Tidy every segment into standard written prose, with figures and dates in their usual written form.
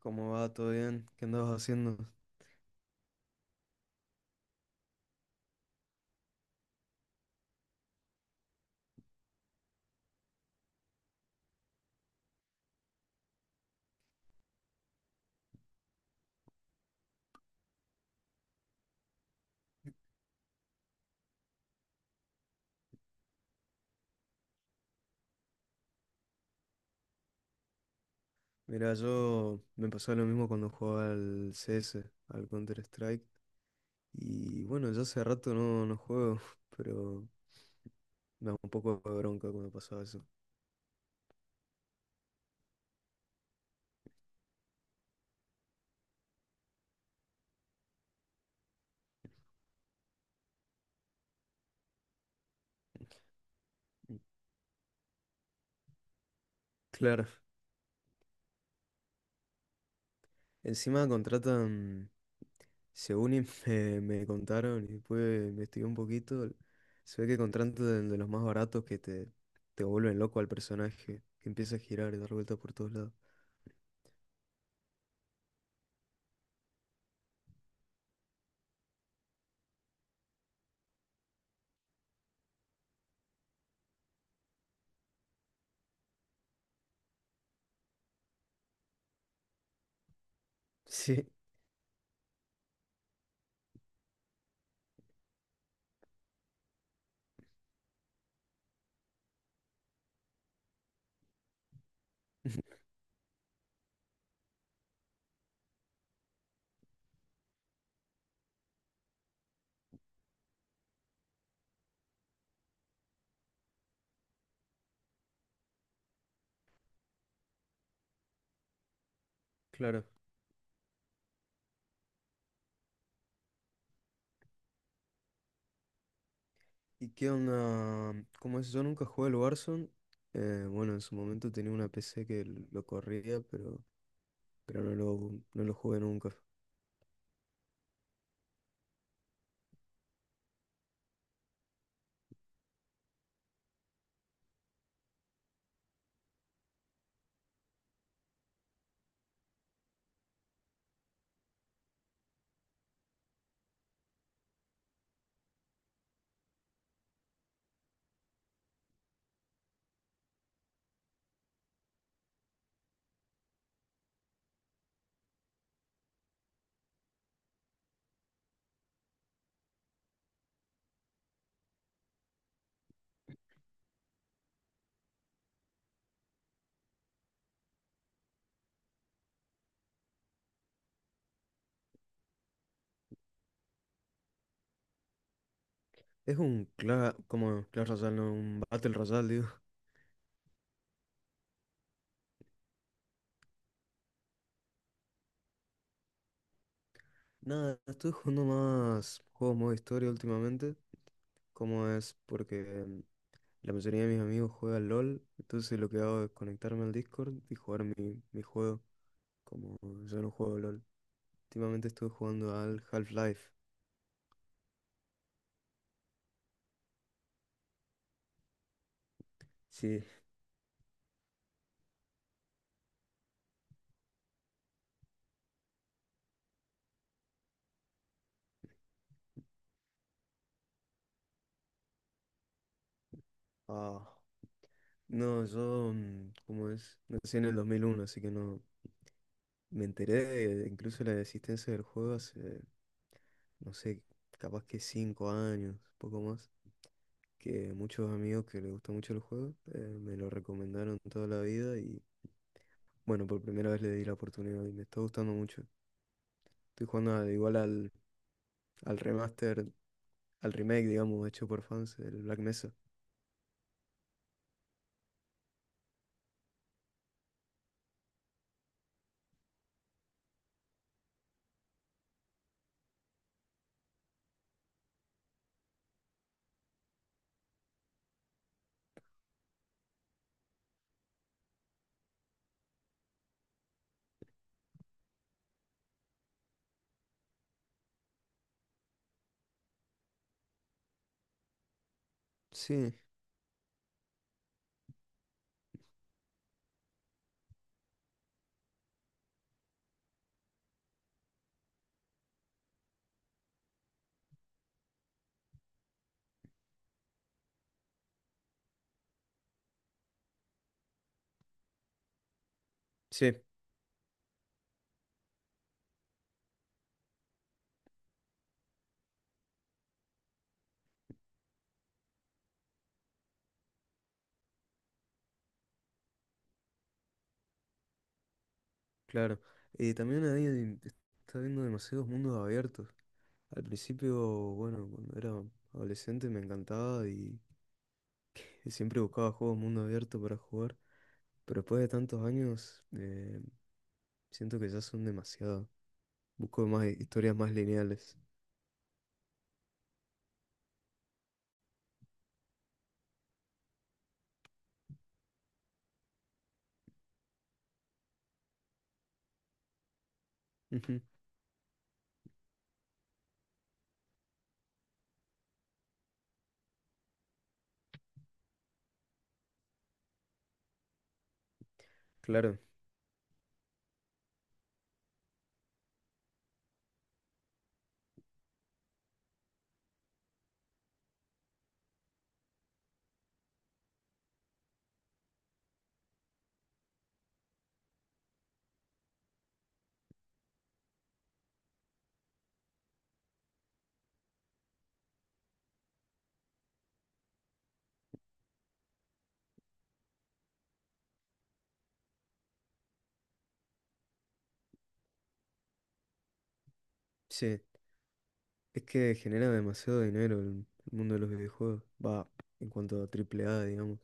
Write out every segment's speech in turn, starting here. ¿Cómo va? ¿Todo bien? ¿Qué andabas haciendo? Mira, yo me pasaba lo mismo cuando jugaba al CS, al Counter-Strike. Y bueno, ya hace rato no juego, pero me da un poco de bronca cuando pasaba eso. Claro, encima contratan, según y me contaron y después investigué un poquito, se ve que contratan de los más baratos te vuelven loco al personaje, que empieza a girar y dar vueltas por todos lados. Sí, claro. ¿Y qué onda? Como es, yo nunca jugué al Warzone. Bueno, en su momento tenía una PC que lo corría, pero no lo jugué nunca. Es un cla como Clash Royale, no, un Battle Royale, digo. Nada, estoy jugando más juegos modo historia últimamente. Como es porque la mayoría de mis amigos juegan LOL, entonces lo que hago es conectarme al Discord y jugar mi juego. Como yo no juego LOL. Últimamente estuve jugando al Half-Life. Sí. Ah. No, yo, ¿cómo es? Nací en el 2001, así que no. Me enteré de, incluso la existencia del juego hace, no sé, capaz que 5 años, poco más. Que muchos amigos que les gusta mucho el juego me lo recomendaron toda la vida y, bueno, por primera vez le di la oportunidad y me está gustando mucho. Estoy jugando igual al remaster, al remake, digamos, hecho por fans, el Black Mesa. Sí, sí, claro. Y también ahí está viendo demasiados mundos abiertos. Al principio, bueno, cuando era adolescente me encantaba y siempre buscaba juegos mundo abierto para jugar, pero después de tantos años siento que ya son demasiado. Busco más historias más lineales. Ujú, claro, sí, es que genera demasiado dinero el mundo de los videojuegos. Va, en cuanto a AAA, digamos.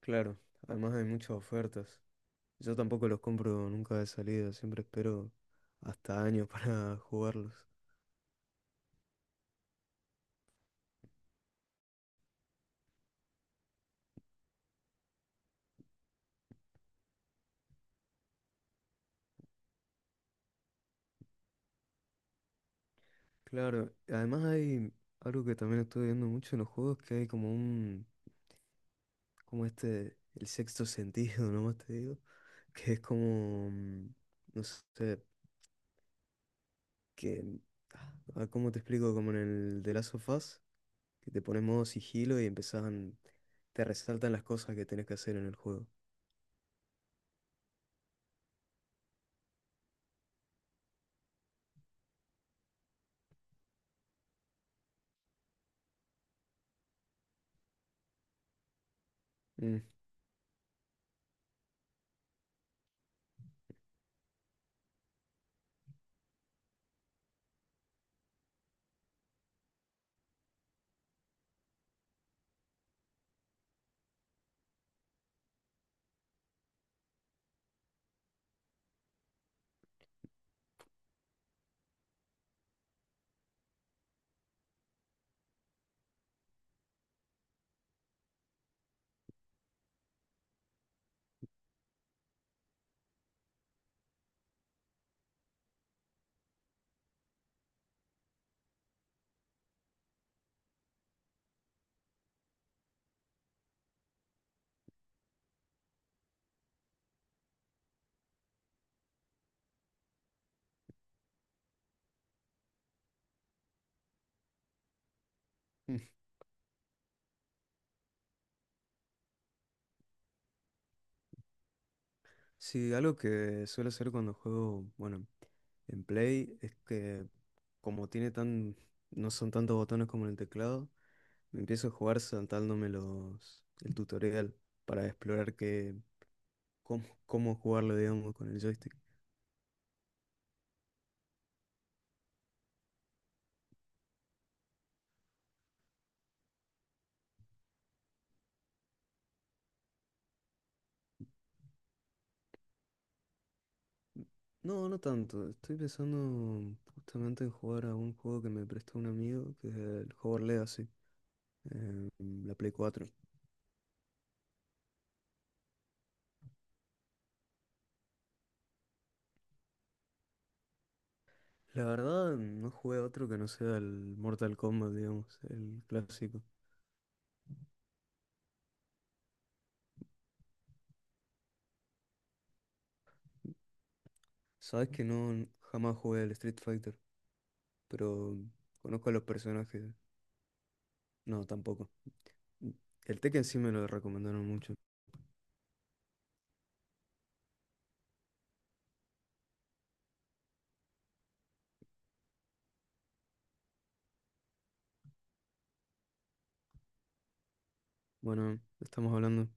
Claro, además hay muchas ofertas. Yo tampoco los compro nunca de salida, siempre espero hasta años para jugarlos. Claro, además hay algo que también estoy viendo mucho en los juegos, que hay como un, como este, el sexto sentido, nomás te digo, que es como, no sé, que, ah, ¿cómo te explico? Como en el de Last of Us, que te pones modo sigilo y empezaban, te resaltan las cosas que tenés que hacer en el juego. Mm. Sí, algo que suelo hacer cuando juego, bueno, en Play es que como tiene tan, no son tantos botones como en el teclado, me empiezo a jugar saltándome el tutorial para explorar qué, cómo, cómo jugarlo, digamos, con el joystick. No, no tanto. Estoy pensando justamente en jugar a un juego que me prestó un amigo, que es el Hogwarts Legacy, en la Play 4. La verdad, no jugué a otro que no sea el Mortal Kombat, digamos, el clásico. Sabes que no, jamás jugué al Street Fighter, pero conozco a los personajes. No, tampoco. El Tekken sí me lo recomendaron mucho. Bueno, estamos hablando.